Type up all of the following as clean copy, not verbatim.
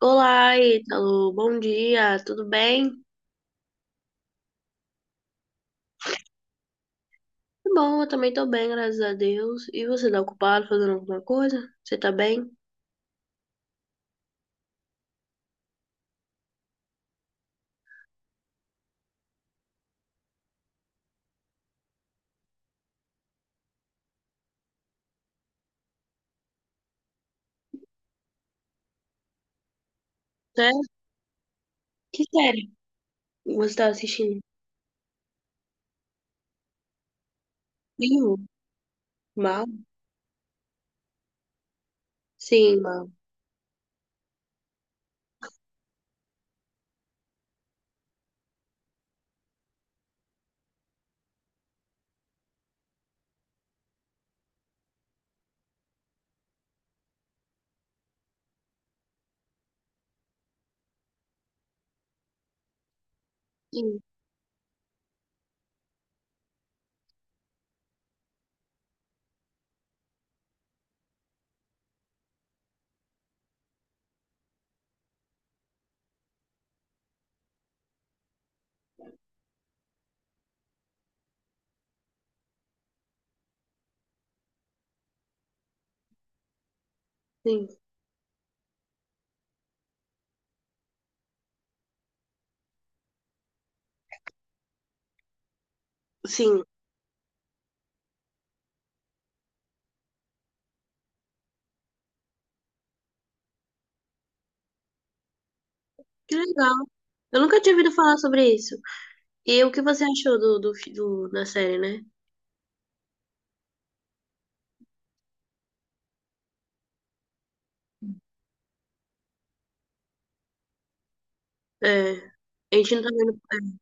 Olá, Ítalo. Bom dia, tudo bem? Tá bom, eu também tô bem, graças a Deus. E você tá ocupado fazendo alguma coisa? Você tá bem? Né? Que série? Você tá assistindo? Vivo? Mal? Sim, mal. Sim, sim, sim. Que legal. Eu nunca tinha ouvido falar sobre isso. E o que você achou da série, né? É, a gente não tá vendo. É.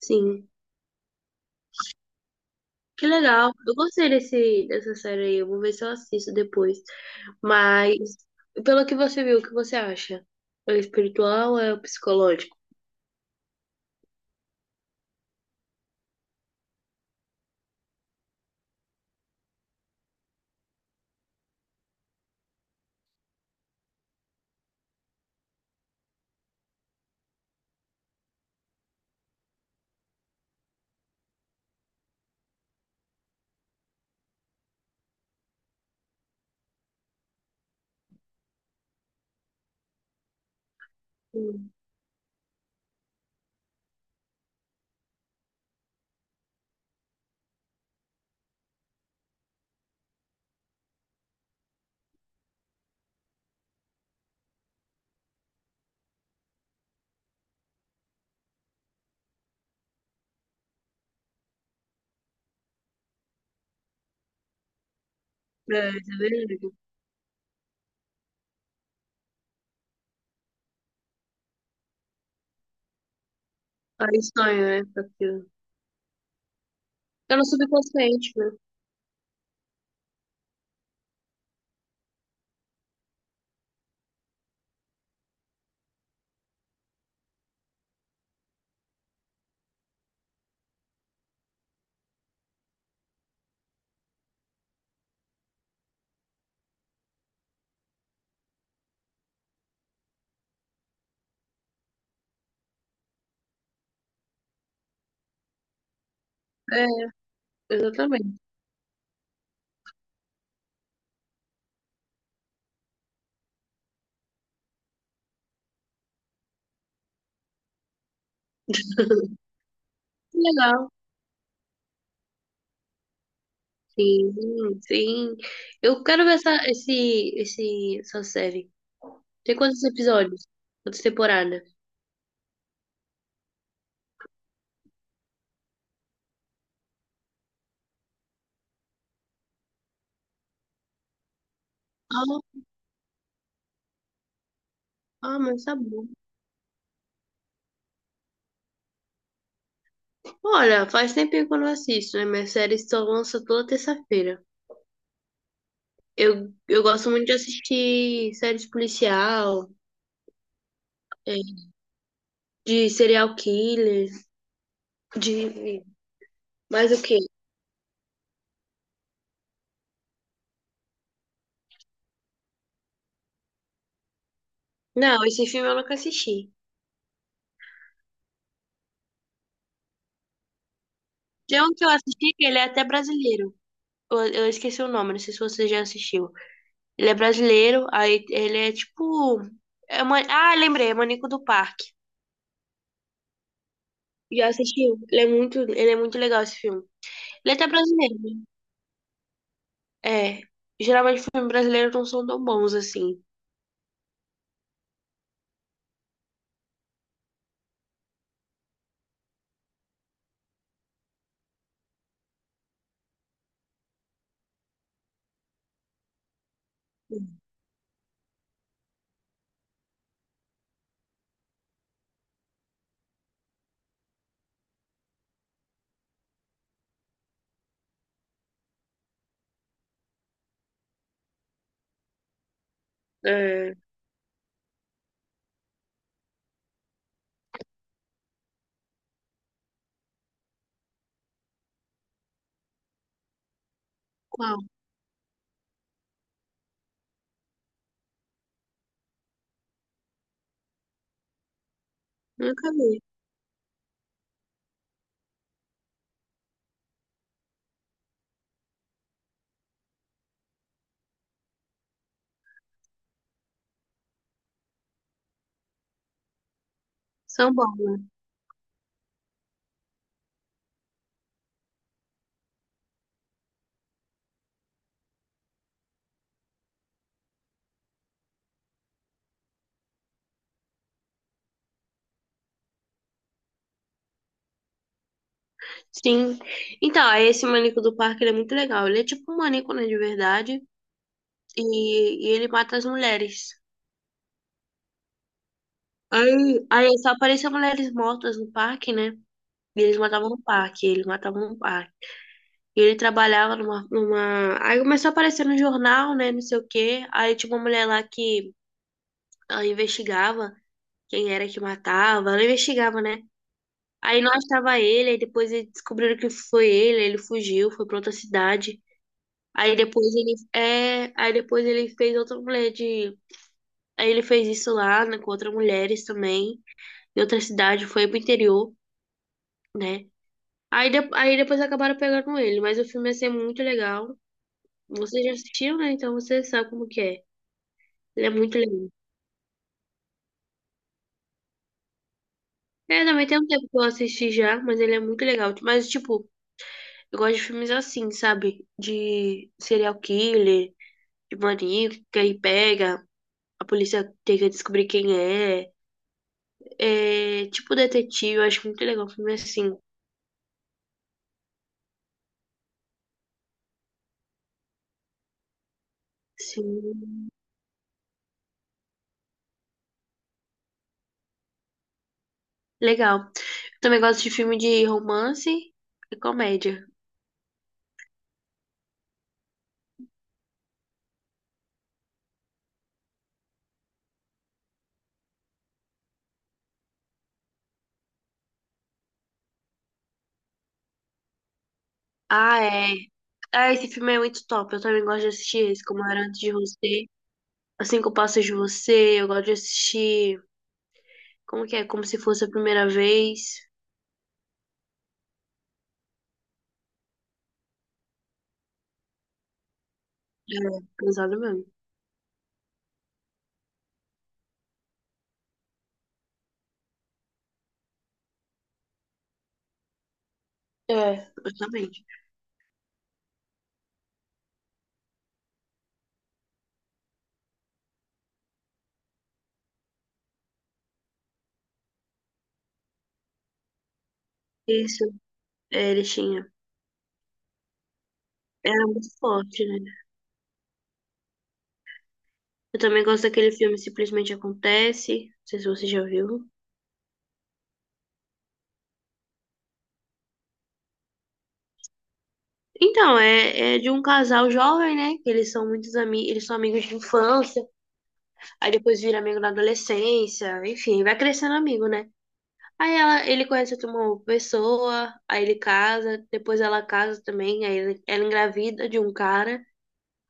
Sim. Que legal. Eu gostei dessa série aí. Eu vou ver se eu assisto depois. Mas, pelo que você viu, o que você acha? É espiritual ou é o psicológico? Hum. É, isso é verdade. Aí sonho, né, com aquilo. Tá no subconsciente, né? É, exatamente. Que legal. Sim, sim. Eu quero ver essa série. Tem quantos episódios? Quantas temporadas? Ah, mas tá bom. Olha, faz tempinho que eu não assisto, né? Minhas séries só lançam toda terça-feira. Eu gosto muito de assistir séries policial, de serial killer, de mais o quê? Não, esse filme eu nunca assisti. Tem um que eu assisti que ele é até brasileiro. Eu esqueci o nome, não sei se você já assistiu. Ele é brasileiro, aí ele é tipo. É uma... Ah, lembrei, é Manico do Parque. Já assistiu? Ele é muito legal esse filme. Ele é até brasileiro, né? É. Geralmente filmes brasileiros não são tão bons assim. É. Qual? Nunca vi. São bons, né? Sim. Então, esse maníaco do parque, ele é muito legal. Ele é tipo um maníaco, né, de verdade. E ele mata as mulheres. Aí só apareciam mulheres mortas no parque, né? E eles matavam no parque, eles matavam no parque. E ele trabalhava numa... Aí começou a aparecer no jornal, né, não sei o quê. Aí tinha uma mulher lá que ela investigava quem era que matava. Ela investigava, né? Aí não achava ele, aí depois eles descobriram que foi ele, aí ele fugiu, foi pra outra cidade. Aí depois ele fez outra mulher de, aí ele fez isso lá, né, com outras mulheres também, em outra cidade, foi pro interior, né? Aí depois acabaram pegando ele, mas o filme ia ser muito legal. Você já assistiu, né? Então você sabe como que é. Ele é muito legal. É, também tem um tempo que eu assisti já, mas ele é muito legal. Mas, tipo, eu gosto de filmes assim, sabe? De serial killer, de maníaco, que aí pega, a polícia tem que descobrir quem é. É, tipo detetive, eu acho muito legal filme assim. Sim. Legal. Eu também gosto de filme de romance e comédia. Ah, é. Ah, esse filme é muito top. Eu também gosto de assistir esse, Como Eu Era Antes de Você. Assim que eu passo de você, eu gosto de assistir. Como que é? Como se fosse a primeira vez. É, pesado mesmo. É, justamente. Isso, é, ele era muito forte, né? Eu também gosto daquele filme Simplesmente Acontece. Não sei se você já viu. Então, é de um casal jovem, né? Que eles são muitos amigos, eles são amigos de infância, aí depois vira amigo na adolescência, enfim, vai crescendo amigo, né? Aí ele conhece uma pessoa, aí ele casa, depois ela casa também, ela engravida de um cara,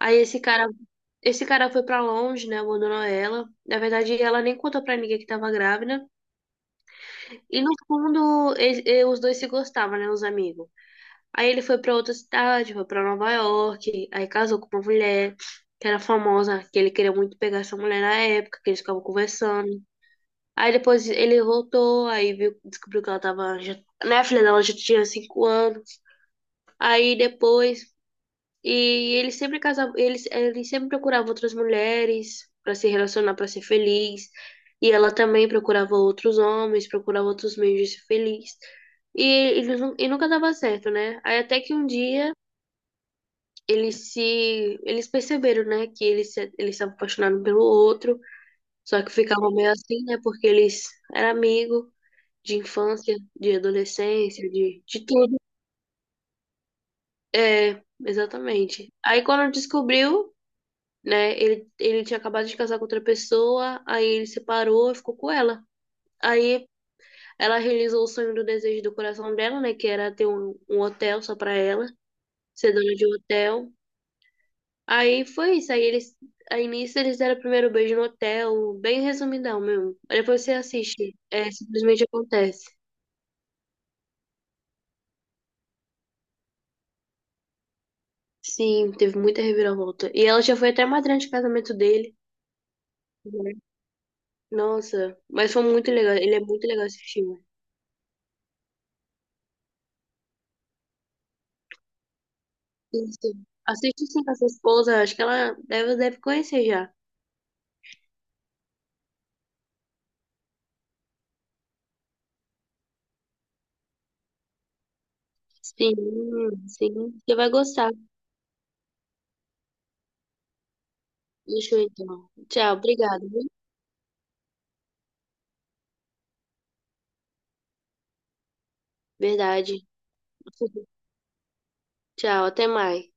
aí esse cara, esse cara foi pra longe, né? Abandonou ela. Na verdade, ela nem contou pra ninguém que tava grávida. E no fundo, os dois se gostavam, né? Os amigos. Aí ele foi pra outra cidade, foi pra Nova York, aí casou com uma mulher que era famosa, que ele queria muito pegar essa mulher na época, que eles ficavam conversando. Aí depois ele voltou, aí viu, descobriu que ela tava, já, né, a filha dela já tinha 5 anos. Aí depois, e ele sempre casava, ele sempre procurava outras mulheres pra se relacionar, pra ser feliz. E ela também procurava outros homens, procurava outros meios de ser feliz. E, e nunca dava certo, né? Aí até que um dia eles se. Eles perceberam, né, que eles se apaixonaram pelo outro, só que ficavam meio assim, né, porque eles eram amigos de infância, de adolescência, de tudo. É, exatamente. Aí quando descobriu, né, ele tinha acabado de casar com outra pessoa, aí ele separou e ficou com ela. Aí ela realizou o sonho do desejo do coração dela, né, que era ter um hotel só pra ela, ser dona de um hotel. Aí foi isso. Aí eles, a início eles deram o primeiro beijo no hotel, bem resumidão mesmo. Aí depois você assiste, é, simplesmente acontece. Sim, teve muita reviravolta. E ela já foi até madrinha de casamento dele, né? Nossa, mas foi muito legal. Ele é muito legal esse filme. Sim, assiste sim com a sua esposa, acho que ela deve, deve conhecer já. Sim, sim, você vai gostar. Deixa eu então. Tchau, obrigada, viu? Verdade. Tchau, até mais.